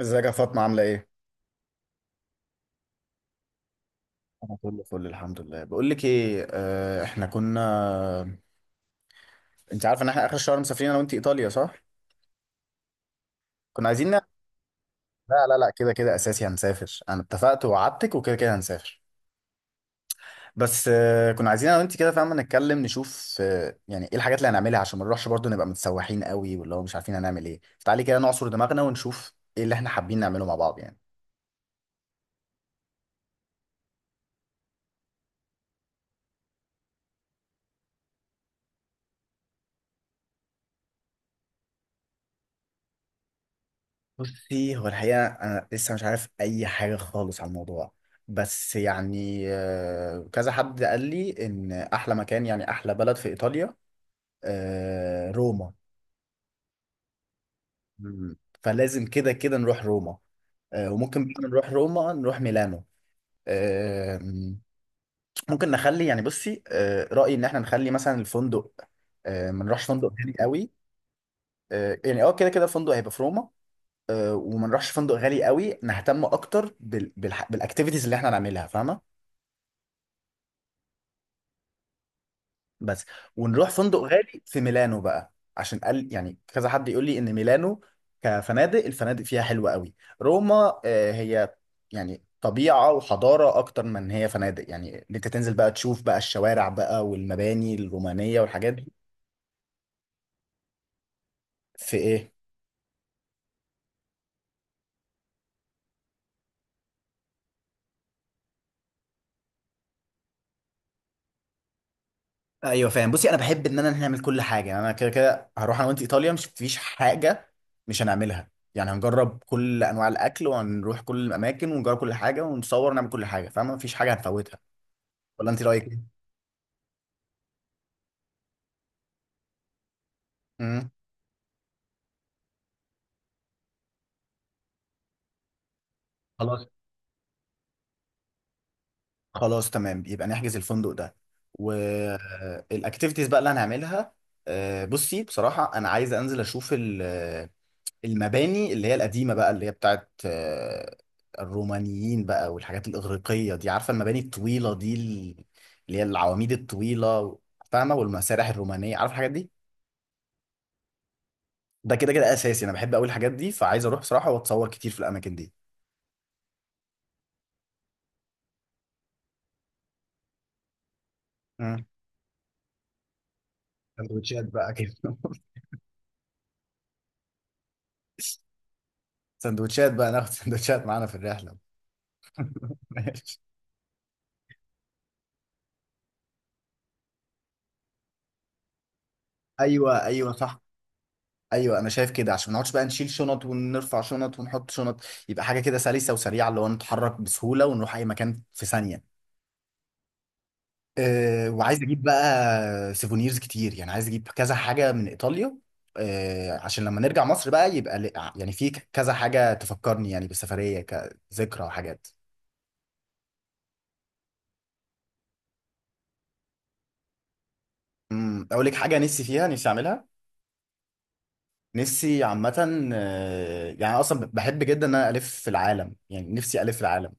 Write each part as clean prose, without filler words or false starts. ازيك يا فاطمة؟ عاملة ايه؟ انا كله فل، الحمد لله. بقول لك ايه، احنا كنا، انت عارفة ان احنا اخر الشهر مسافرين انا وانت ايطاليا، صح؟ كنا عايزين نعمل، لا لا لا، كده كده اساسي هنسافر، انا اتفقت ووعدتك وكده كده هنسافر. بس كنا عايزين انا وانت، كده، فاهمة، نتكلم نشوف يعني ايه الحاجات اللي هنعملها عشان ما نروحش برضه نبقى متسوحين قوي، واللي هو مش عارفين هنعمل ايه، فتعالي كده نعصر دماغنا ونشوف ايه اللي احنا حابين نعمله مع بعض يعني. بصي، هو الحقيقة أنا لسه مش عارف أي حاجة خالص عن الموضوع. بس يعني كذا حد قال لي إن أحلى مكان، يعني أحلى بلد في إيطاليا، روما. مم. فلازم كده كده نروح روما. وممكن بقى نروح روما نروح ميلانو. آه، ممكن نخلي، يعني بصي، رأيي إن إحنا نخلي مثلا الفندق، ما نروحش فندق غالي قوي. يعني كده كده الفندق هيبقى في روما. وما نروحش فندق غالي قوي، نهتم اكتر بالاكتيفيتيز اللي احنا هنعملها، فاهمه؟ بس. ونروح فندق غالي في ميلانو بقى، عشان قال يعني كذا حد يقول لي ان ميلانو كفنادق، الفنادق فيها حلوه قوي. روما هي يعني طبيعه وحضاره اكتر من إن هي فنادق، يعني إن انت تنزل بقى تشوف بقى الشوارع بقى والمباني الرومانيه والحاجات دي. في ايه؟ ايوه فاهم. بصي، انا بحب ان انا نعمل كل حاجه. يعني انا كده كده هروح انا وانت ايطاليا، مش فيش حاجه مش هنعملها، يعني هنجرب كل انواع الاكل وهنروح كل الاماكن ونجرب كل حاجه ونصور ونعمل كل حاجه، فاهمه؟ مفيش حاجه هنفوتها. ولا انت رايك ايه؟ امم. خلاص. خلاص تمام، يبقى نحجز الفندق ده والاكتيفيتيز بقى اللي هنعملها. بصي بصراحه انا عايز انزل اشوف المباني اللي هي القديمة بقى، اللي هي بتاعت الرومانيين بقى، والحاجات الإغريقية دي، عارفة المباني الطويلة دي، اللي هي العواميد الطويلة، فاهمة؟ والمسارح الرومانية، عارفة الحاجات دي؟ ده كده كده أساسي، أنا بحب أوي الحاجات دي، فعايز أروح بصراحة وأتصور كتير في الأماكن دي. مم. سندوتشات بقى كده؟ سندوتشات بقى ناخد؟ سندوتشات معانا في الرحلة؟ ماشي. أيوه أيوه صح. ايوه انا شايف كده، عشان ما نقعدش بقى نشيل شنط ونرفع شنط ونحط شنط. يبقى حاجه كده سلسه وسريعه، اللي هو نتحرك بسهوله ونروح اي مكان في ثانيه. أه، وعايز اجيب بقى سيفونيرز كتير، يعني عايز اجيب كذا حاجه من ايطاليا. أه عشان لما نرجع مصر بقى يبقى يعني في كذا حاجه تفكرني يعني بالسفريه كذكرى وحاجات. امم، اقول لك حاجه نفسي فيها، نفسي اعملها. نفسي عامه، يعني أنا اصلا بحب جدا ان انا الف في العالم، يعني نفسي الف في العالم.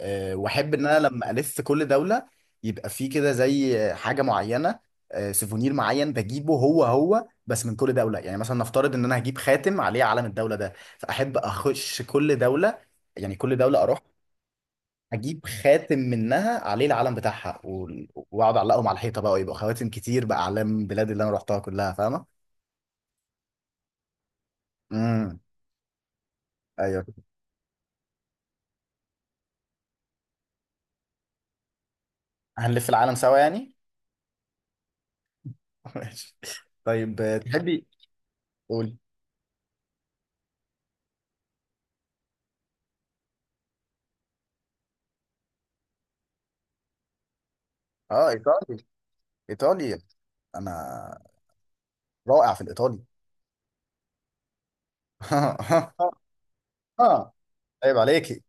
واحب ان انا لما الف كل دوله يبقى فيه كده زي حاجه معينه، سيفونير معين بجيبه هو هو بس من كل دوله. يعني مثلا نفترض ان انا هجيب خاتم عليه علم الدوله ده، فاحب اخش كل دوله، يعني كل دوله اروح اجيب خاتم منها عليه العلم بتاعها واقعد اعلقهم على الحيطه بقى، ويبقى خواتم كتير باعلام بلاد اللي انا رحتها كلها، فاهمه؟ امم. ايوه، هنلف العالم سوا يعني. ماشي. طيب تحبي؟ قولي. اه، ايطالي، ايطالي. انا رائع في الايطالي. اه، عيب عليكي.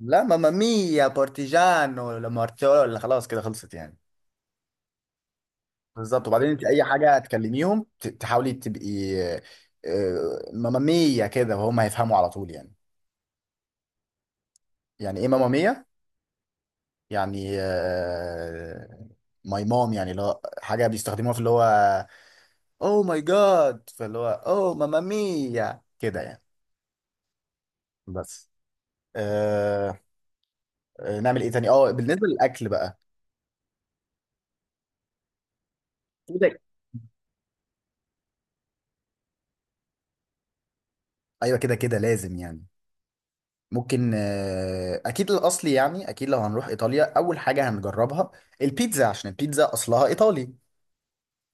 لا، ماما ميا بارتيجانو لامارتيولا، خلاص كده خلصت يعني. بالظبط، وبعدين انت اي حاجه تكلميهم، تحاولي تبقي ماما ميا كده وهم هيفهموا على طول يعني. يعني ايه ماما ميا؟ يعني ماي مام، يعني اللي هو حاجه بيستخدموها في اللي هو اوه ماي جاد، فاللي هو اوه ماما ميا كده يعني. بس. آه. نعمل ايه تاني؟ اه، بالنسبه للاكل بقى. ايوه كده كده لازم يعني. ممكن اكيد الاصلي، يعني اكيد لو هنروح ايطاليا اول حاجه هنجربها البيتزا، عشان البيتزا اصلها ايطالي. مم.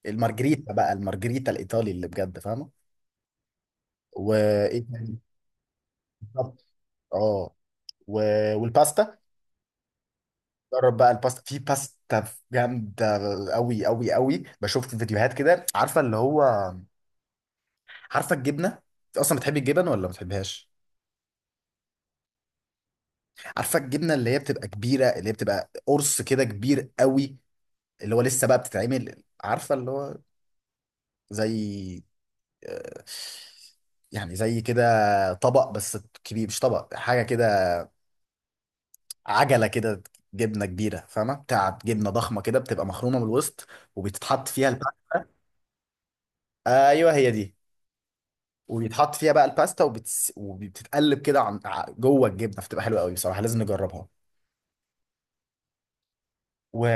المارجريتا بقى، المارجريتا الايطالي اللي بجد، فاهمه؟ وايه تاني؟ بالظبط. اه. و... والباستا. جرب بقى الباستا، في باستا جامده قوي قوي قوي، بشوف في فيديوهات كده، عارفه اللي هو، عارفه الجبنه؟ انت اصلا بتحبي الجبن ولا ما بتحبهاش؟ عارفه الجبنه اللي هي بتبقى كبيره، اللي هي بتبقى قرص كده كبير قوي، اللي هو لسه بقى بتتعمل، عارفه اللي هو زي آه، يعني زي كده طبق بس كبير، مش طبق، حاجه كده، عجله كده، جبنه كبيره فاهمه، بتاعت جبنه ضخمه كده بتبقى مخرومه من الوسط، وبيتحط فيها الباستا. ايوه هي دي. وبيتحط فيها بقى الباستا، وبتتقلب كده جوه الجبنه، فتبقى حلوه قوي بصراحه، لازم نجربها. و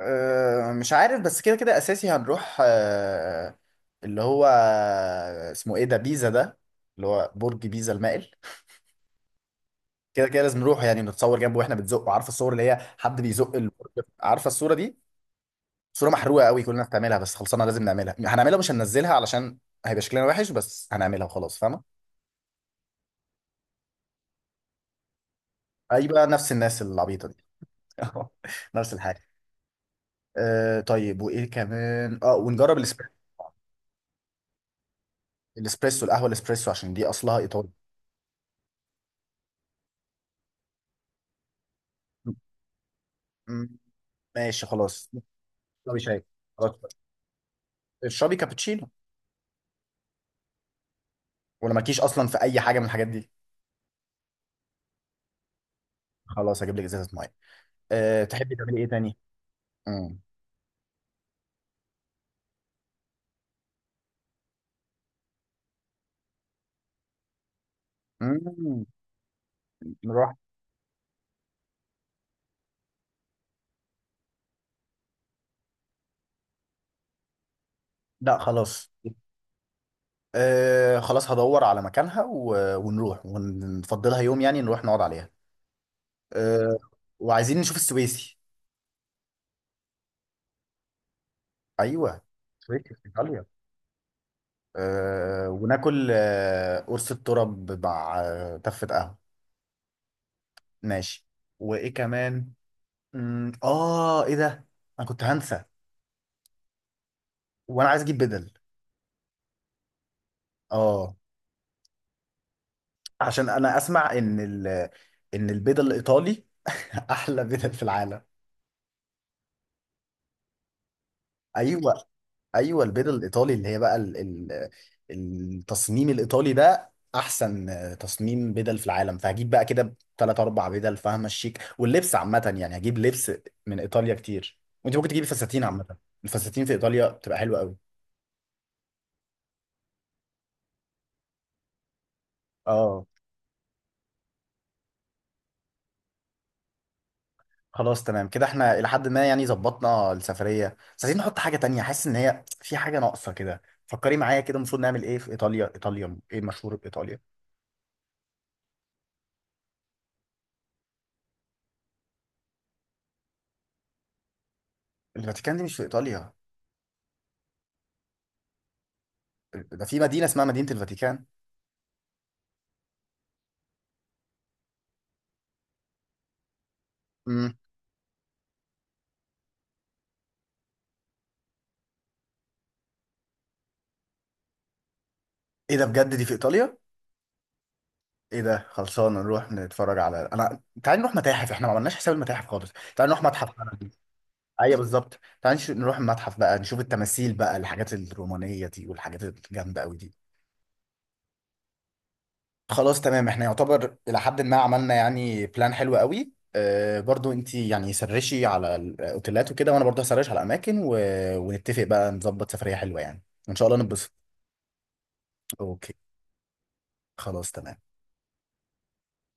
أه مش عارف، بس كده كده اساسي هنروح أه اللي هو، اسمه ايه ده، بيزا ده، اللي هو برج بيزا المائل. كده كده لازم نروح يعني، نتصور جنبه واحنا بنزقه، عارفه الصور اللي هي حد بيزق البرج، عارفه الصوره دي؟ صوره محروقه قوي كلنا بتعملها بس خلصنا، لازم نعملها هنعملها مش هننزلها، علشان هيبقى شكلنا وحش، بس هنعملها وخلاص، فاهمه؟ ايوه، نفس الناس العبيطه دي. نفس الحاجه. أه طيب، وايه كمان؟ اه، ونجرب الاسبريسو، القهوه الاسبريسو، عشان دي اصلها ايطالي. ماشي خلاص. اشربي شاي، خلاص، اشربي كابتشينو. ولا مالكيش اصلا في اي حاجه من الحاجات دي؟ خلاص هجيب لك ازازه ميه. أه، تحبي تعملي ايه تاني؟ امم. امم، نروح. لا خلاص، أه خلاص هدور على مكانها و... ونروح ونفضلها يوم، يعني نروح نقعد عليها. أه، وعايزين نشوف السويسي. ايوه، السويسي في ايطاليا. أه، وناكل أه قرص الترب مع تفة قهوه. ماشي. وايه كمان؟ أمم، اه ايه ده، انا كنت هنسى. وانا عايز اجيب بدل. اه، عشان انا اسمع ان ان البدل الايطالي احلى بدل في العالم. ايوه، ايوه البدل الايطالي اللي هي بقى ال التصميم الايطالي ده احسن تصميم بدل في العالم، فهجيب بقى كده ثلاث اربع بدل، فاهمه؟ الشيك واللبس عامه يعني، هجيب لبس من ايطاليا كتير، وانت ممكن تجيبي فساتين عامه. الفساتين في ايطاليا بتبقى حلوه قوي. اه، خلاص تمام كده، احنا الى حد ما يعني ظبطنا السفريه، بس عايزين نحط حاجه تانية، حاسس ان هي في حاجه ناقصه كده، فكري معايا كده المفروض نعمل ايه في ايطاليا؟ ايطاليا ايه مشهور بايطاليا؟ الفاتيكان دي مش في ايطاليا، ده في مدينه اسمها مدينه الفاتيكان. امم. ايه ده بجد، دي في ايطاليا؟ ايه ده خلصانه، نروح نتفرج على، انا تعال نروح متاحف، احنا ما عملناش حساب المتاحف خالص، تعال نروح متحف بلدي. ايوه بالظبط، تعال نروح المتحف بقى نشوف التماثيل بقى، الحاجات الرومانيه دي والحاجات الجامده قوي دي. خلاص تمام، احنا يعتبر الى حد ما عملنا يعني بلان حلو قوي. اه برضو انت يعني سرشي على الاوتيلات وكده، وانا برضو هسرش على الاماكن و... ونتفق بقى نظبط سفرية حلوة يعني، ان شاء الله نتبسط. اوكي. خلاص تمام.